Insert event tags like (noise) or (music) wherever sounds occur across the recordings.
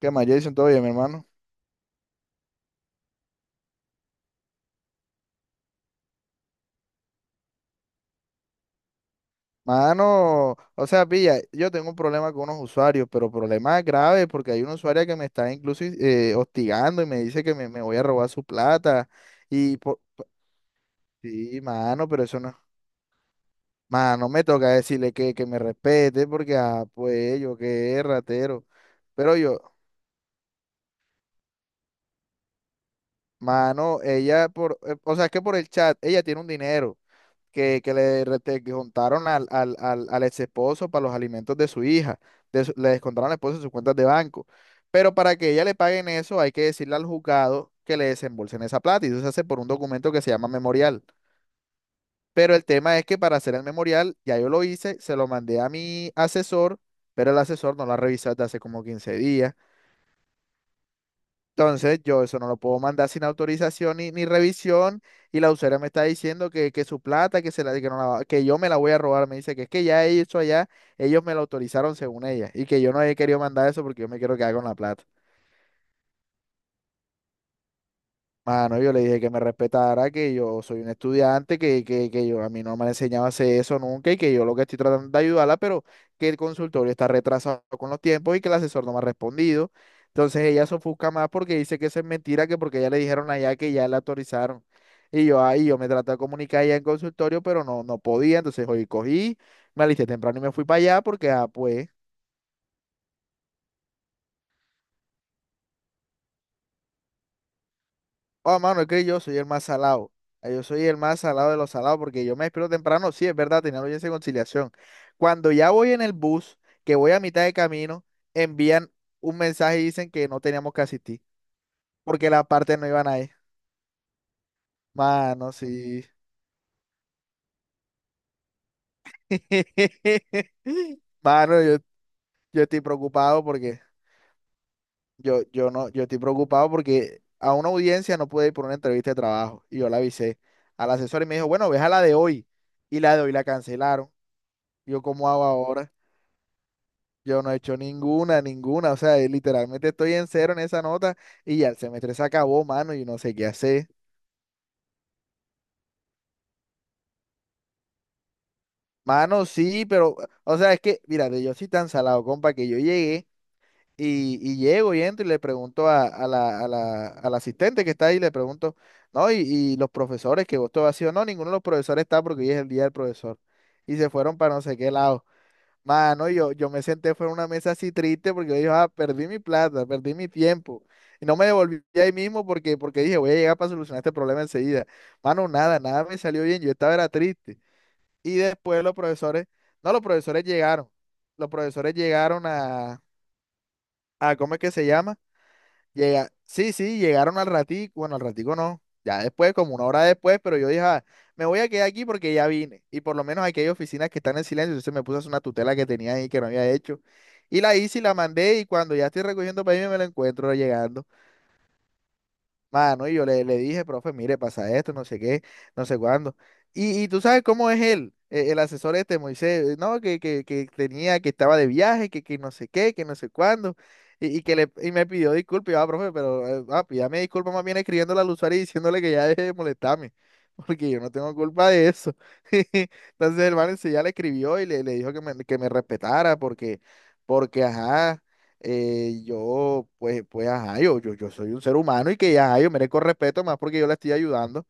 ¿Qué más, Jason? ¿Todo bien, mi hermano? Mano, o sea, pilla, yo tengo un problema con unos usuarios, pero problema grave porque hay una usuaria que me está incluso hostigando y me dice que me voy a robar su plata. Y por... Sí, mano, pero eso no. Mano, me toca decirle que me respete porque, ah, pues yo qué ratero. Pero yo, mano, o sea, es que por el chat, ella tiene un dinero, que le descontaron al ex esposo para los alimentos de su hija. Le descontaron al esposo de sus cuentas de banco. Pero para que ella le paguen eso, hay que decirle al juzgado que le desembolsen esa plata. Y eso se hace por un documento que se llama memorial. Pero el tema es que para hacer el memorial, ya yo lo hice, se lo mandé a mi asesor, pero el asesor no lo ha revisado desde hace como 15 días. Entonces, yo eso no lo puedo mandar sin autorización ni revisión. Y la usuaria me está diciendo que su plata, que, se la, que, no la va- que yo me la voy a robar. Me dice que es que ya eso allá, ellos me lo autorizaron según ella. Y que yo no he querido mandar eso porque yo me quiero quedar con la plata. Mano, yo le dije que me respetara, que yo soy un estudiante, que yo a mí no me han enseñado a hacer eso nunca y que yo lo que estoy tratando de ayudarla, pero que el consultorio está retrasado con los tiempos y que el asesor no me ha respondido. Entonces ella se ofusca más porque dice que eso es mentira, que porque ya le dijeron allá que ya la autorizaron. Y yo ahí, yo me traté de comunicar allá en consultorio, pero no, no podía. Entonces hoy cogí, me alisté temprano y me fui para allá porque, ah, pues. Oh, mano, es que yo soy el más salado. Ah, yo soy el más salado de los salados porque yo me despierto temprano. Sí, es verdad, tenía la audiencia de conciliación. Cuando ya voy en el bus, que voy a mitad de camino, envían un mensaje y dicen que no teníamos que asistir porque la parte no iban ahí. Mano, sí. (laughs) Mano, yo estoy preocupado porque yo no, yo estoy preocupado porque a una audiencia no pude ir por una entrevista de trabajo y yo la avisé al asesor y me dijo, bueno, ve a la de hoy y la de hoy la cancelaron. ¿Yo cómo hago ahora? Yo no he hecho ninguna, ninguna. O sea, literalmente estoy en cero en esa nota y ya el semestre se acabó, mano, y no sé qué hacer. Mano, sí, pero, o sea, es que, mírate, yo soy tan salado, compa, que yo llegué y llego y entro y le pregunto a la asistente que está ahí, le pregunto, no, y los profesores que vos todo ha sido, no, ninguno de los profesores está porque hoy es el día del profesor. Y se fueron para no sé qué lado. Mano, yo me senté fuera de una mesa así triste porque yo dije, ah, perdí mi plata, perdí mi tiempo. Y no me devolví ahí mismo porque, porque dije, voy a llegar para solucionar este problema enseguida. Mano, nada, nada me salió bien, yo estaba era triste. Y después los profesores, no, los profesores llegaron. Los profesores llegaron a, ¿cómo es que se llama? Sí, sí, llegaron al ratico, bueno, al ratico no, ya después, como una hora después, pero yo dije, "Ah, me voy a quedar aquí porque ya vine. Y por lo menos aquí hay oficinas que están en silencio, entonces me puse a hacer una tutela que tenía ahí que no había hecho. Y la hice y la mandé y cuando ya estoy recogiendo para irme me la encuentro llegando. Mano, y yo le dije, profe, mire, pasa esto, no sé qué, no sé cuándo. Y tú sabes cómo es él, el asesor este, Moisés, ¿no? Que tenía, que estaba de viaje, que no sé qué, que no sé cuándo. Y y me pidió disculpas, y yo, ah, profe, pero ah, pídame disculpas más bien escribiéndole al usuario y diciéndole que ya deje de molestarme, (laughs) porque yo no tengo culpa de eso. (laughs) Entonces el man ya le escribió y le dijo que me respetara, porque, porque, ajá, yo, pues, ajá, yo soy un ser humano y que ya, ajá, yo merezco respeto más porque yo la estoy ayudando.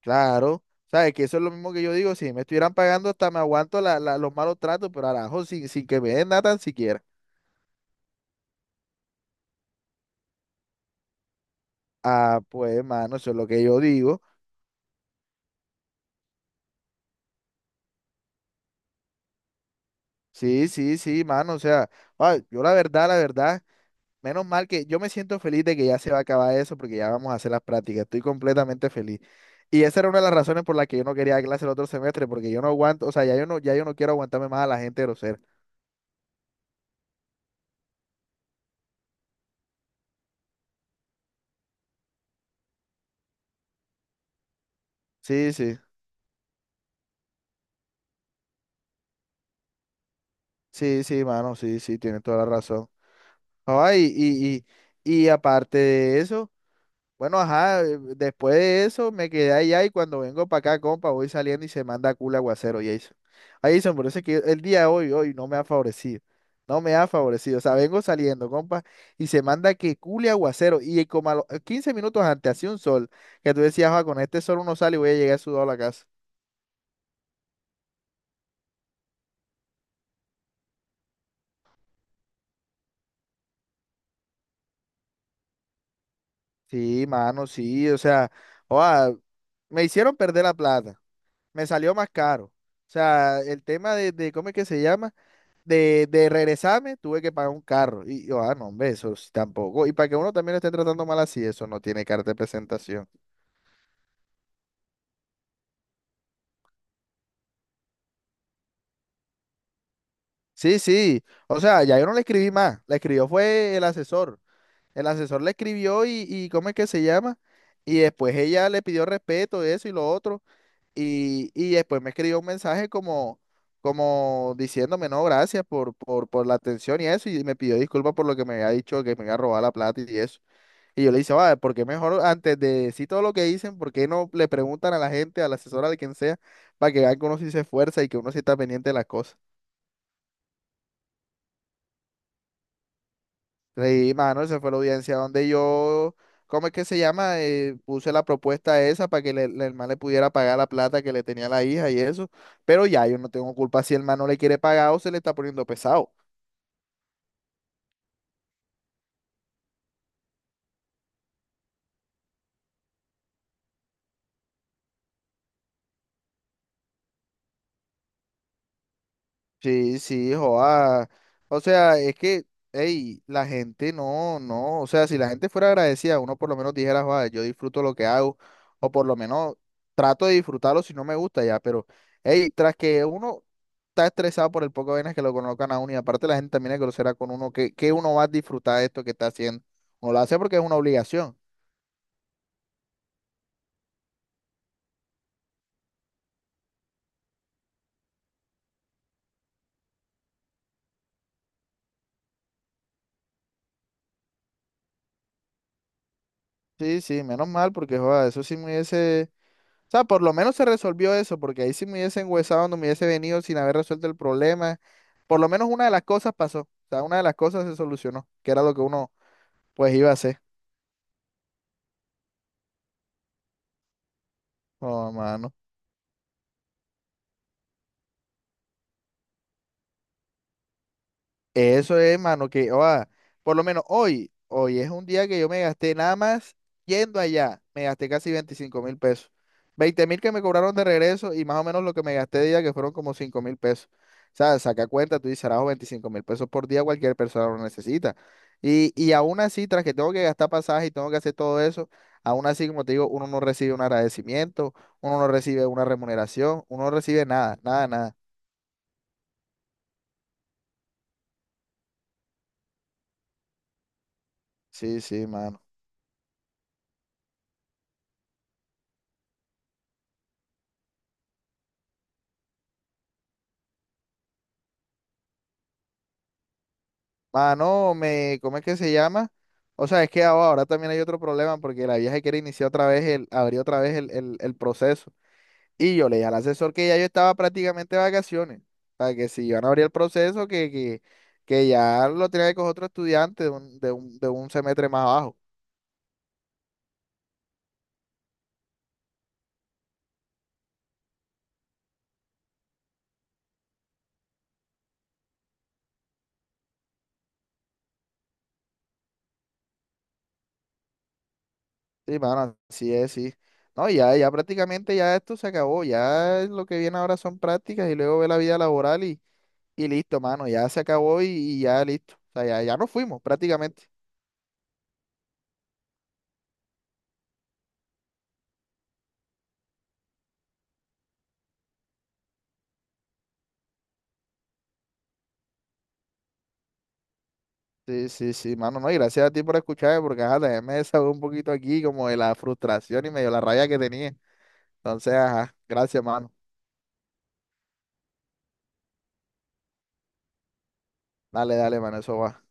Claro, sabes que eso es lo mismo que yo digo, si me estuvieran pagando hasta me aguanto la, los malos tratos, pero arajo, sin que me den nada tan siquiera. Ah, pues, mano, eso es lo que yo digo. Sí, sí, sí, mano, o sea, ah, yo la verdad, la verdad. Menos mal que yo me siento feliz de que ya se va a acabar eso porque ya vamos a hacer las prácticas. Estoy completamente feliz. Y esa era una de las razones por las que yo no quería dar clase el otro semestre, porque yo no aguanto, o sea, ya yo no quiero aguantarme más a la gente grosera. Sí, sí, sí, sí, mano, sí, sí, tienes toda la razón. Ay, y aparte de eso. Bueno, ajá, después de eso me quedé allá y cuando vengo para acá, compa, voy saliendo y se manda a culo aguacero, Jason. Ahí Jason, por eso es que el día de hoy no me ha favorecido. No me ha favorecido. O sea, vengo saliendo, compa, y se manda que cule aguacero. Y como a los 15 minutos antes hacía un sol, que tú decías, ah, con este sol uno sale y voy a llegar sudado a la casa. Sí, mano, sí, o sea, oa, me hicieron perder la plata. Me salió más caro. O sea, el tema de ¿cómo es que se llama? De regresarme, tuve que pagar un carro. Y yo, ah, no, hombre, eso sí tampoco. Y para que uno también lo esté tratando mal así, eso no tiene carta de presentación. Sí, sí. O sea, ya yo no le escribí más. La escribió fue el asesor. El asesor le escribió y, ¿cómo es que se llama? Y después ella le pidió respeto, eso y lo otro. Y después me escribió un mensaje como diciéndome, no, gracias por la atención y eso. Y me pidió disculpas por lo que me había dicho, que me iba a robar la plata y eso. Y yo le dije, va, porque mejor antes de decir todo lo que dicen, ¿por qué no le preguntan a la gente, a la asesora de quien sea, para que vean que uno sí se esfuerza y que uno sí está pendiente de las cosas? Y mano, esa fue la audiencia donde yo, ¿cómo es que se llama? Puse la propuesta esa para que el man le pudiera pagar la plata que le tenía la hija y eso. Pero ya, yo no tengo culpa si el man no le quiere pagar o se le está poniendo pesado. Sí, sí, joa. O sea, es que, hey, la gente no, no. O sea, si la gente fuera agradecida, uno por lo menos dijera, joa, yo disfruto lo que hago, o por lo menos trato de disfrutarlo si no me gusta ya. Pero, hey, tras que uno está estresado por el poco de vainas que lo colocan a uno, y aparte la gente también es grosera con uno, que uno va a disfrutar de esto que está haciendo. Uno lo hace porque es una obligación. Sí, sí, menos mal, porque, joa, eso sí me hubiese. O sea, por lo menos se resolvió eso, porque ahí si me hubiese enguesado, no me hubiese venido sin haber resuelto el problema. Por lo menos una de las cosas pasó. O sea, una de las cosas se solucionó, que era lo que uno pues iba a hacer. Oh, mano. Eso es, mano, que oa, por lo menos hoy es un día que yo me gasté nada más yendo allá, me gasté casi 25.000 pesos, 20.000 que me cobraron de regreso y más o menos lo que me gasté de día que fueron como 5.000 pesos. O sea, saca cuenta, tú dices, "Arajo, 25.000 pesos por día cualquier persona lo necesita. Y aún así, tras que tengo que gastar pasaje y tengo que hacer todo eso, aún así, como te digo, uno no recibe un agradecimiento, uno no recibe una remuneración, uno no recibe nada, nada, nada. Sí, sí, mano. Mano, ¿cómo es que se llama? O sea, es que ahora también hay otro problema porque la vieja quiere iniciar otra vez abrir otra vez el proceso. Y yo le dije al asesor que ya yo estaba prácticamente de vacaciones. O sea, que si iban a abrir el proceso, que ya lo tenía que coger otro estudiante de un semestre más abajo. Sí, mano, así es, sí. No, ya prácticamente ya esto se acabó. Ya lo que viene ahora son prácticas y luego ve la vida laboral y listo, mano. Ya se acabó y ya listo. O sea, ya nos fuimos prácticamente. Sí, sí, sí, mano, no, y gracias a ti por escucharme, porque ajá, también me desahogué un poquito aquí como de la frustración y medio la rabia que tenía. Entonces, ajá, gracias, mano. Dale, dale, mano, eso va.